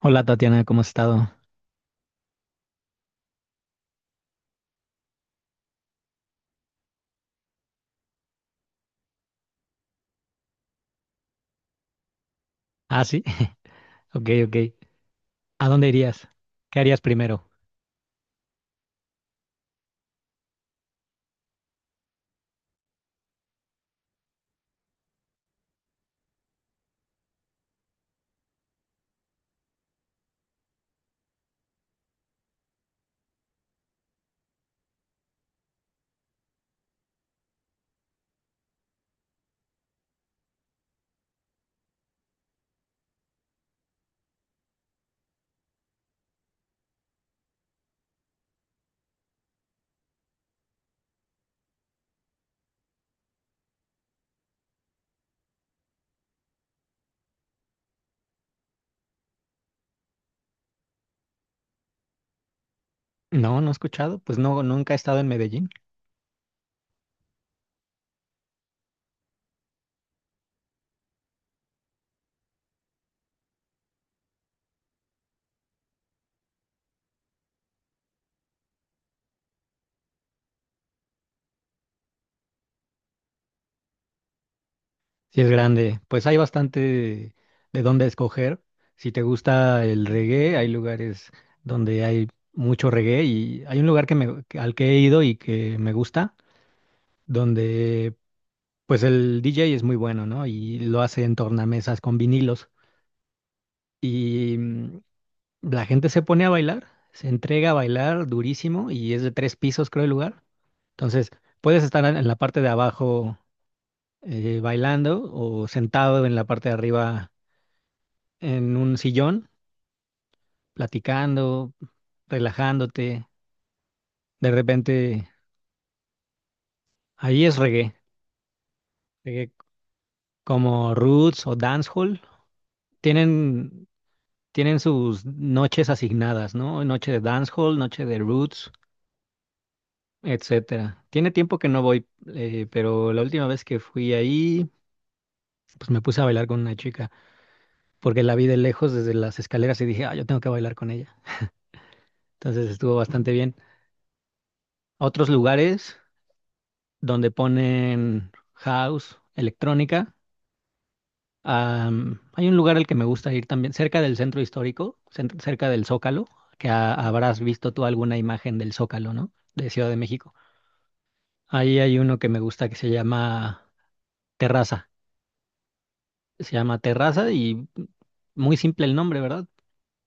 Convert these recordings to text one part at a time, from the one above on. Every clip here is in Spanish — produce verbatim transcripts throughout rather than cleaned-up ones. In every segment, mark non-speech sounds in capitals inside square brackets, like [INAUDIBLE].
Hola Tatiana, ¿cómo has estado? Ah, sí. [LAUGHS] Ok, ok. ¿A dónde irías? ¿Qué harías primero? No, no he escuchado. Pues no, nunca he estado en Medellín. Sí es grande. Pues hay bastante de dónde escoger. Si te gusta el reggae, hay lugares donde hay mucho reggae y hay un lugar que me, que- al que he ido y que me gusta, donde pues el D J es muy bueno, ¿no? Y lo hace en tornamesas con vinilos. Y mm, la gente se pone a bailar, se entrega a bailar durísimo y es de tres pisos, creo, el lugar. Entonces, puedes estar en en la parte de abajo, eh, bailando, o sentado en la parte de arriba en un sillón, platicando, relajándote. De repente, ahí es reggae, reggae como roots o dancehall. Tienen, tienen sus noches asignadas, ¿no? Noche de dancehall, noche de roots, etcétera. Tiene tiempo que no voy, eh, pero la última vez que fui ahí, pues me puse a bailar con una chica, porque la vi de lejos desde las escaleras y dije, ah, yo tengo que bailar con ella. Entonces estuvo bastante bien. Otros lugares donde ponen house, electrónica. Am, hay un lugar al que me gusta ir también, cerca del centro histórico, cent- cerca del Zócalo, que ha- habrás visto tú alguna imagen del Zócalo, ¿no? De Ciudad de México. Ahí hay uno que me gusta que se llama Terraza. Se llama Terraza y muy simple el nombre, ¿verdad?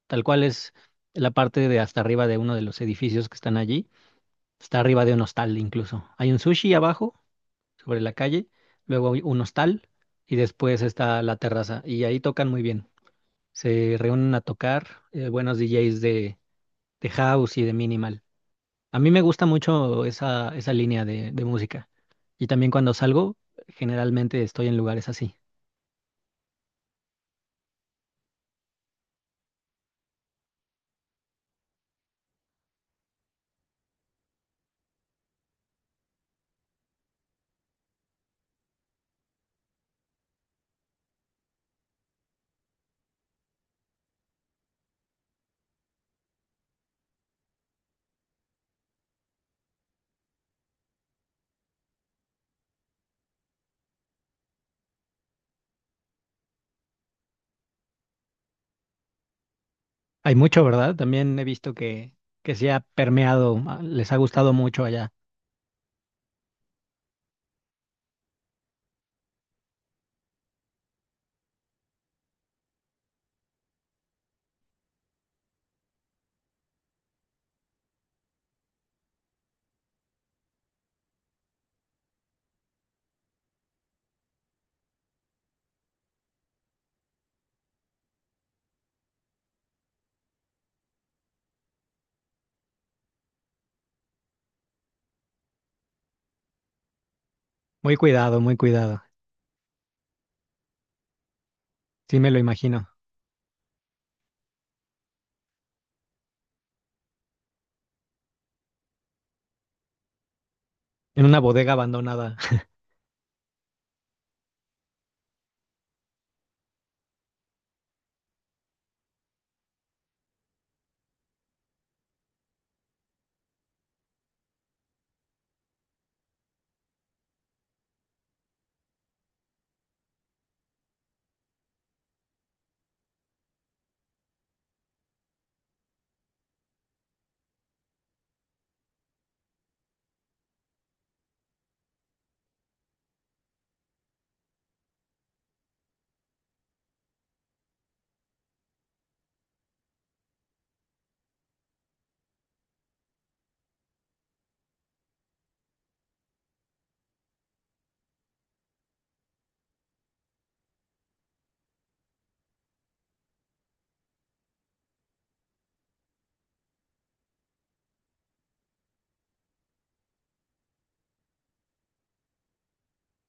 Tal cual es la parte de hasta arriba de uno de los edificios que están allí. Está arriba de un hostal incluso. Hay un sushi abajo, sobre la calle, luego hay un hostal y después está la terraza. Y ahí tocan muy bien. Se reúnen a tocar eh, buenos D Js de, de house y de minimal. A mí me gusta mucho esa, esa línea de, de música. Y también cuando salgo, generalmente estoy en lugares así. Hay mucho, ¿verdad? También he visto que, que se ha permeado, ah, les ha gustado mucho allá. Muy cuidado, muy cuidado. Sí, me lo imagino. En una bodega abandonada.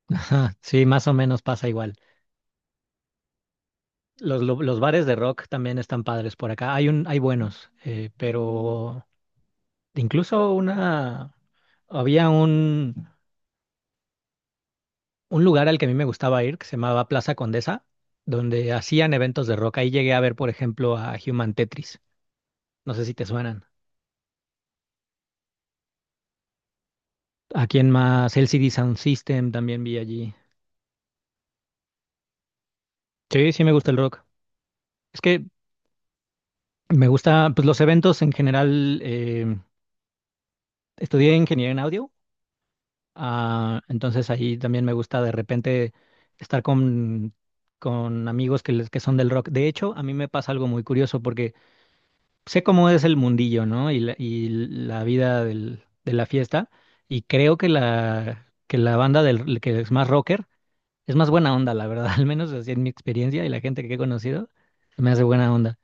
[LAUGHS] Sí, más o menos pasa igual. Los, lo- los bares de rock también están padres por acá. Hay un, hay buenos, eh, pero incluso una, había un, un lugar al que a mí me gustaba ir que se llamaba Plaza Condesa, donde hacían eventos de rock. Ahí llegué a ver, por ejemplo, a Human Tetris. No sé si te suenan. ¿A quién más? L C D Sound System también vi allí. Sí, sí me gusta el rock. Es que me gusta, pues los eventos en general, eh, estudié ingeniería en audio, ah, entonces ahí también me gusta de repente estar con, con amigos que, les- que son del rock. De hecho, a mí me pasa algo muy curioso porque sé cómo es el mundillo, ¿no? Y la, y la vida del- de la fiesta, y creo que la, que la banda del, que es más rocker es más buena onda, la verdad, [LAUGHS] al menos así en mi experiencia y la gente que he conocido, me hace buena onda.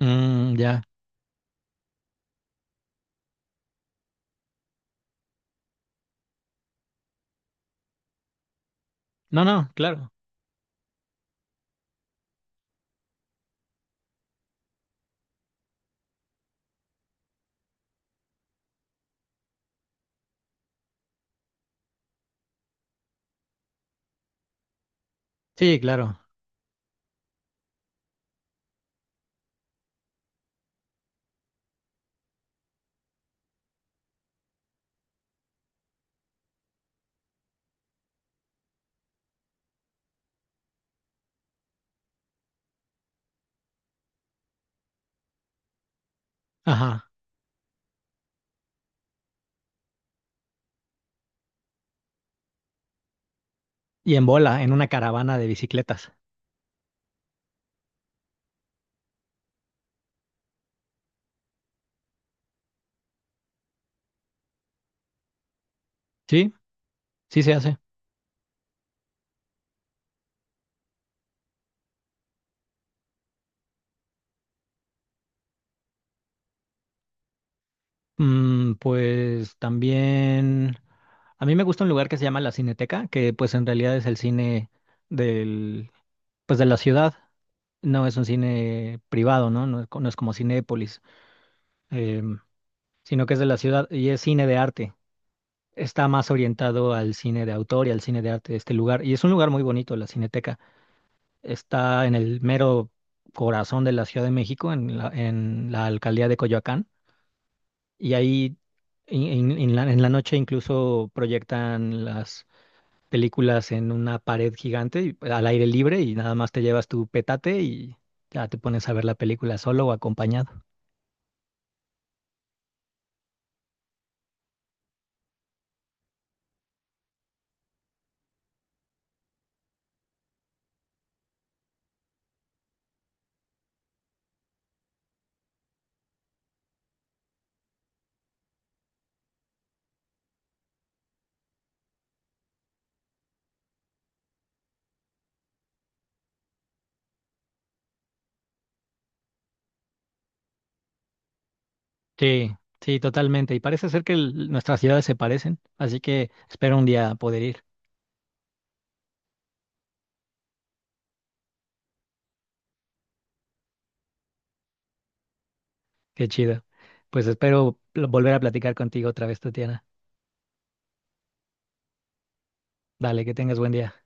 Mm, ya. No, no, claro. Sí, claro. Ajá. Y en bola, en una caravana de bicicletas. Sí, sí se hace. Mm, pues también. A mí me gusta un lugar que se llama la Cineteca, que pues en realidad es el cine del, pues de la ciudad. No es un cine privado, ¿no? No es, co- no es como Cinépolis, em, sino que es de la ciudad y es cine de arte. Está más orientado al cine de autor y al cine de arte de este lugar. Y es un lugar muy bonito, la Cineteca. Está en el mero corazón de la Ciudad de México, en la, en la alcaldía de Coyoacán. Y ahí en, en- en la, en la noche incluso proyectan las películas en una pared gigante y- al aire libre y nada más te llevas tu petate y ya te pones a ver la película solo o acompañado. Sí, sí, totalmente. Y parece ser que el- nuestras ciudades se parecen, así que espero un día poder ir. Qué chido. Pues espero pl- volver a platicar contigo otra vez, Tatiana. Dale, que tengas buen día.